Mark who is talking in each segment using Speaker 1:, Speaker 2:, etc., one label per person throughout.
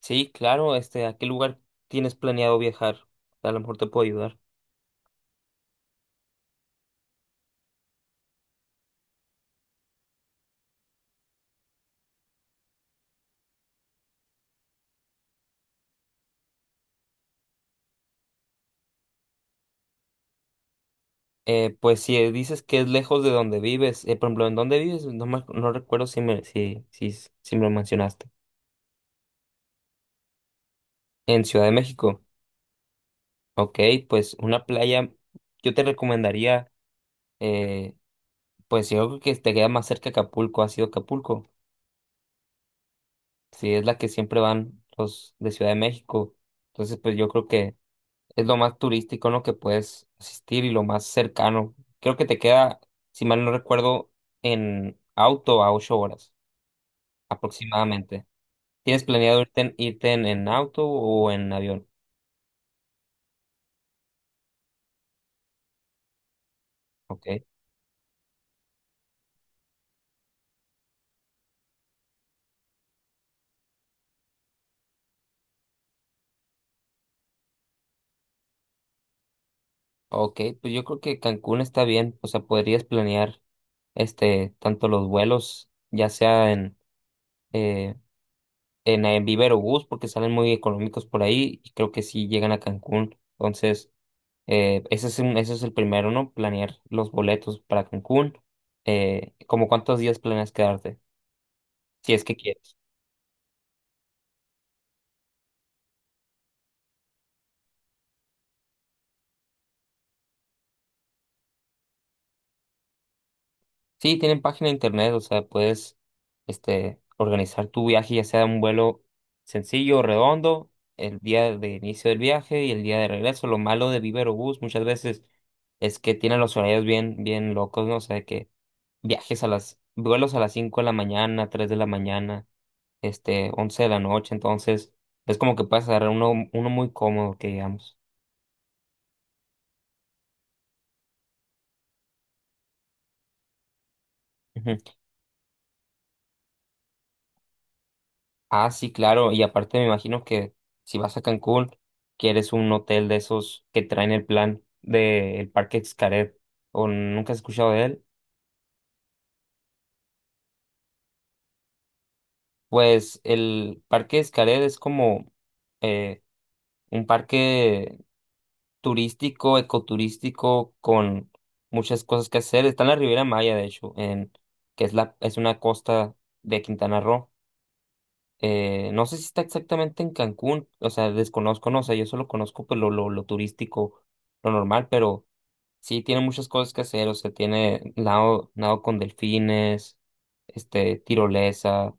Speaker 1: Sí, claro, ¿a qué lugar tienes planeado viajar? A lo mejor te puedo ayudar. Pues si dices que es lejos de donde vives, por ejemplo, ¿en dónde vives? No recuerdo si me, si, si, s- si me lo mencionaste. En Ciudad de México. Ok, pues una playa, yo te recomendaría, eh, pues yo creo que te queda más cerca Acapulco, ha sido Acapulco. Sí, es la que siempre van los de Ciudad de México. Entonces, pues yo creo que es lo más turístico, en lo que puedes asistir y lo más cercano. Creo que te queda, si mal no recuerdo, en auto a 8 horas aproximadamente. ¿Tienes planeado irte en auto o en avión? Ok. Ok, pues yo creo que Cancún está bien. O sea, podrías planear tanto los vuelos, ya sea en eh, en Viva Aerobús, porque salen muy económicos por ahí, y creo que sí llegan a Cancún. Entonces, ese es el primero, ¿no? Planear los boletos para Cancún. ¿Cómo cuántos días planeas quedarte? Si es que quieres. Sí, tienen página de internet, o sea, puedes organizar tu viaje, ya sea un vuelo sencillo o redondo, el día de inicio del viaje y el día de regreso. Lo malo de Viva Aerobús muchas veces es que tienen los horarios bien locos, ¿no? O sea, que vuelos a las 5 de la mañana, 3 de la mañana, 11 de la noche, entonces es como que puedes agarrar uno muy cómodo, que digamos. Ujú. Ah, sí, claro, y aparte me imagino que si vas a Cancún, quieres un hotel de esos que traen el plan del Parque Xcaret, o nunca has escuchado de él. Pues el Parque Xcaret es como eh, un parque turístico, ecoturístico, con muchas cosas que hacer. Está en la Riviera Maya, que es, es una costa de Quintana Roo. No sé si está exactamente en Cancún, o sea, desconozco, no, o sea, yo solo conozco pues, lo turístico, lo normal, pero sí tiene muchas cosas que hacer, o sea, tiene nado con delfines, tirolesa,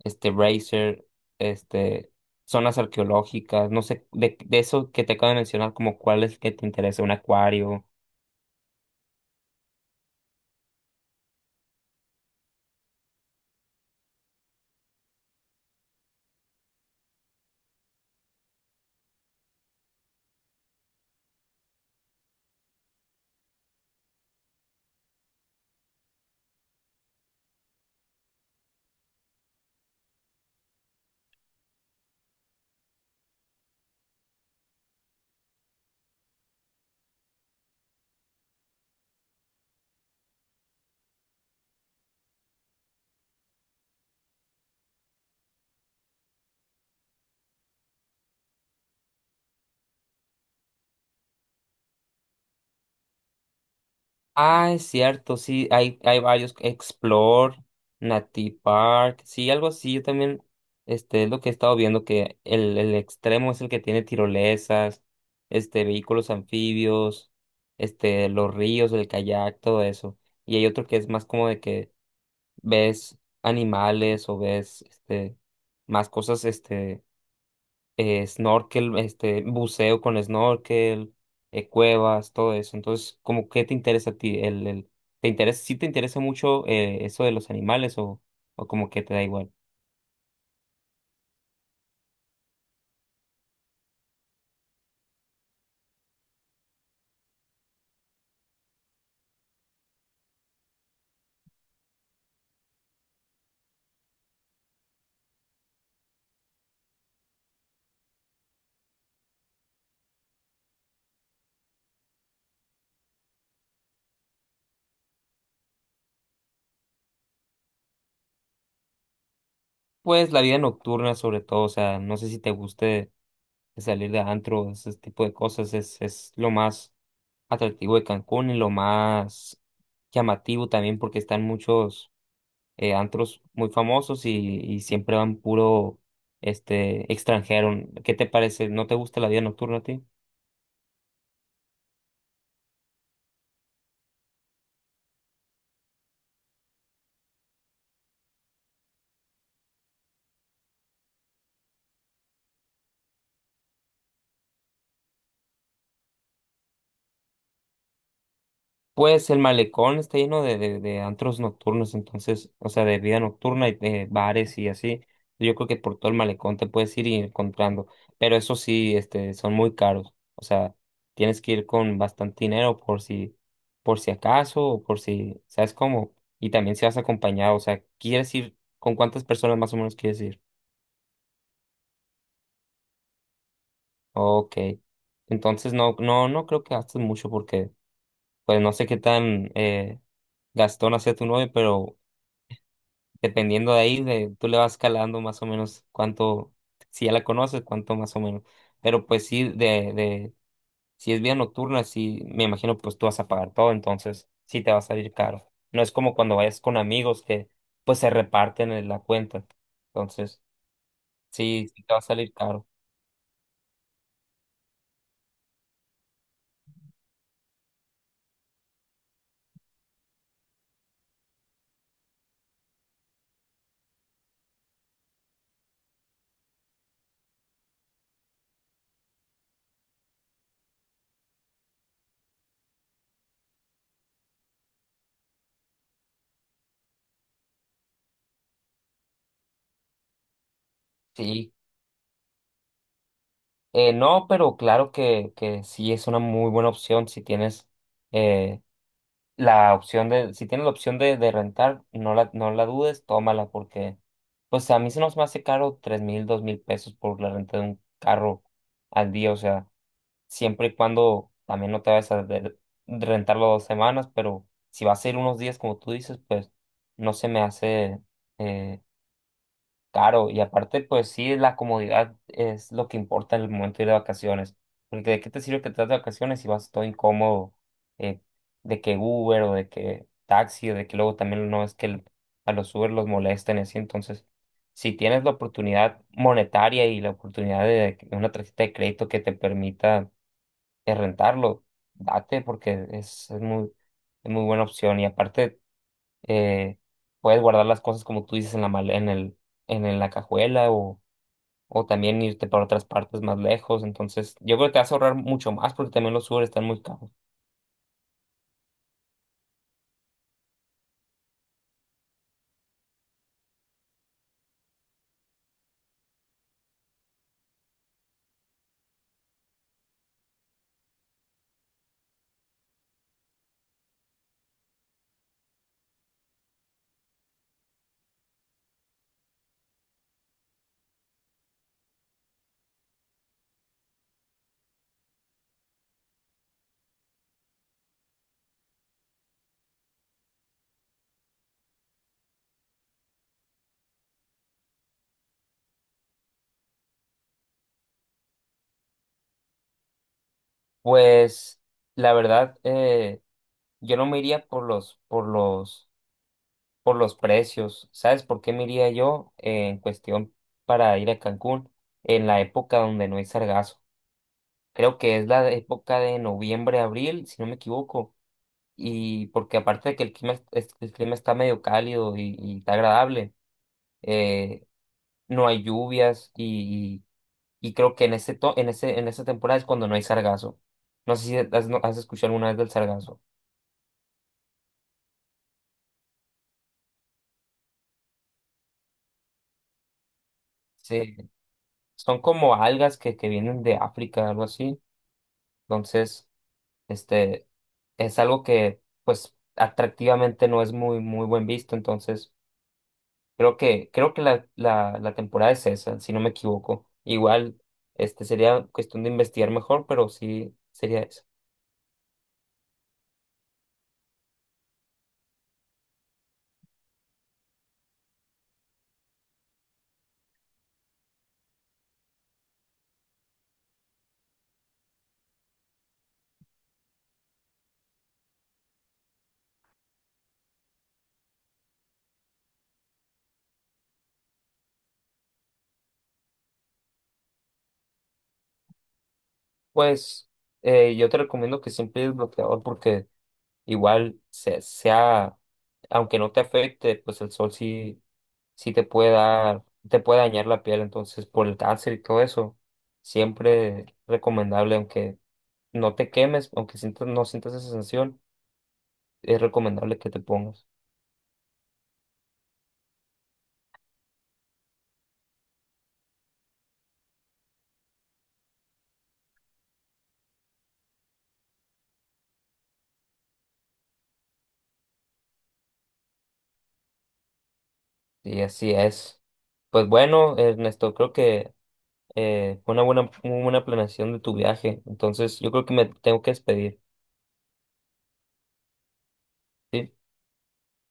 Speaker 1: racer, este, zonas arqueológicas, no sé, de eso que te acabo de mencionar, como cuál es el que te interesa, un acuario. Ah, es cierto, sí, hay varios, Explore, Nati Park, sí, algo así, yo también, es lo que he estado viendo, que el extremo es el que tiene tirolesas, vehículos anfibios, los ríos, el kayak, todo eso, y hay otro que es más como de que ves animales o ves, más cosas, snorkel, buceo con snorkel, cuevas, todo eso. Entonces, ¿cómo qué te interesa a ti? ¿Sí te interesa mucho eso de los animales o como que te da igual? Pues la vida nocturna sobre todo, o sea, no sé si te guste salir de antro, ese tipo de cosas, es lo más atractivo de Cancún y lo más llamativo también porque están muchos antros muy famosos y siempre van puro extranjero. ¿Qué te parece? ¿No te gusta la vida nocturna a ti? Pues el malecón está lleno de antros nocturnos, entonces, o sea, de vida nocturna y de bares y así. Yo creo que por todo el malecón te puedes ir y encontrando, pero eso sí, son muy caros. O sea, tienes que ir con bastante dinero por si acaso o por si, ¿sabes cómo? Y también si vas acompañado, o sea, ¿quieres ir? ¿Con cuántas personas más o menos quieres ir? Ok. Entonces no creo que gastes mucho porque, pues no sé qué tan gastón sea tu novia, pero dependiendo de ahí, de, tú le vas calando más o menos cuánto, si ya la conoces, cuánto más o menos. Pero pues sí, si es vía nocturna, sí, me imagino pues tú vas a pagar todo, entonces sí te va a salir caro. No es como cuando vayas con amigos que pues se reparten en la cuenta. Entonces, sí te va a salir caro. Sí. No, Pero claro que sí es una muy buena opción si tienes eh, si tienes la opción de rentar, no la dudes, tómala, porque pues a mí se nos me hace caro 3,000, 2,000 pesos por la renta de un carro al día, o sea, siempre y cuando también no te vayas rentarlo 2 semanas, pero si vas a ir unos días como tú dices, pues no se me hace eh, caro y aparte, pues sí, la comodidad es lo que importa en el momento de ir de vacaciones. Porque de qué te sirve que te das de vacaciones si vas todo incómodo, eh, de que Uber o de que taxi, o de que luego también no es que el- a los Uber los molesten y así. Entonces, si tienes la oportunidad monetaria y la oportunidad de que una tarjeta de crédito que te permita rentarlo, date porque es muy buena opción. Y aparte eh, puedes guardar las cosas como tú dices en la male- en el, en la cajuela o también irte para otras partes más lejos. Entonces, yo creo que te vas a ahorrar mucho más porque también los Uber están muy caros. Pues la verdad, yo no me iría por los precios. ¿Sabes por qué me iría yo en cuestión para ir a Cancún en la época donde no hay sargazo? Creo que es la época de noviembre, abril, si no me equivoco, y porque aparte de que el clima está medio cálido y está agradable, eh, no hay lluvias y, y, creo que en ese to- en ese, en esa temporada es cuando no hay sargazo. No sé si has, no- has escuchado alguna vez del sargazo. Sí, son como algas que vienen de África, algo así. Entonces, este, es algo que, pues, atractivamente no es muy buen visto. Entonces, creo que la temporada es esa, si no me equivoco. Igual, sería cuestión de investigar mejor, pero sí sería eso. Pues yo te recomiendo que siempre el bloqueador porque igual sea, aunque no te afecte, pues el sol sí, sí te puede dar, te puede dañar la piel, entonces por el cáncer y todo eso, siempre recomendable, aunque no te quemes, no sientas esa sensación, es recomendable que te pongas. Y así es. Pues bueno, Ernesto, creo que muy buena planeación de tu viaje. Entonces, yo creo que me tengo que despedir. ¿Sí?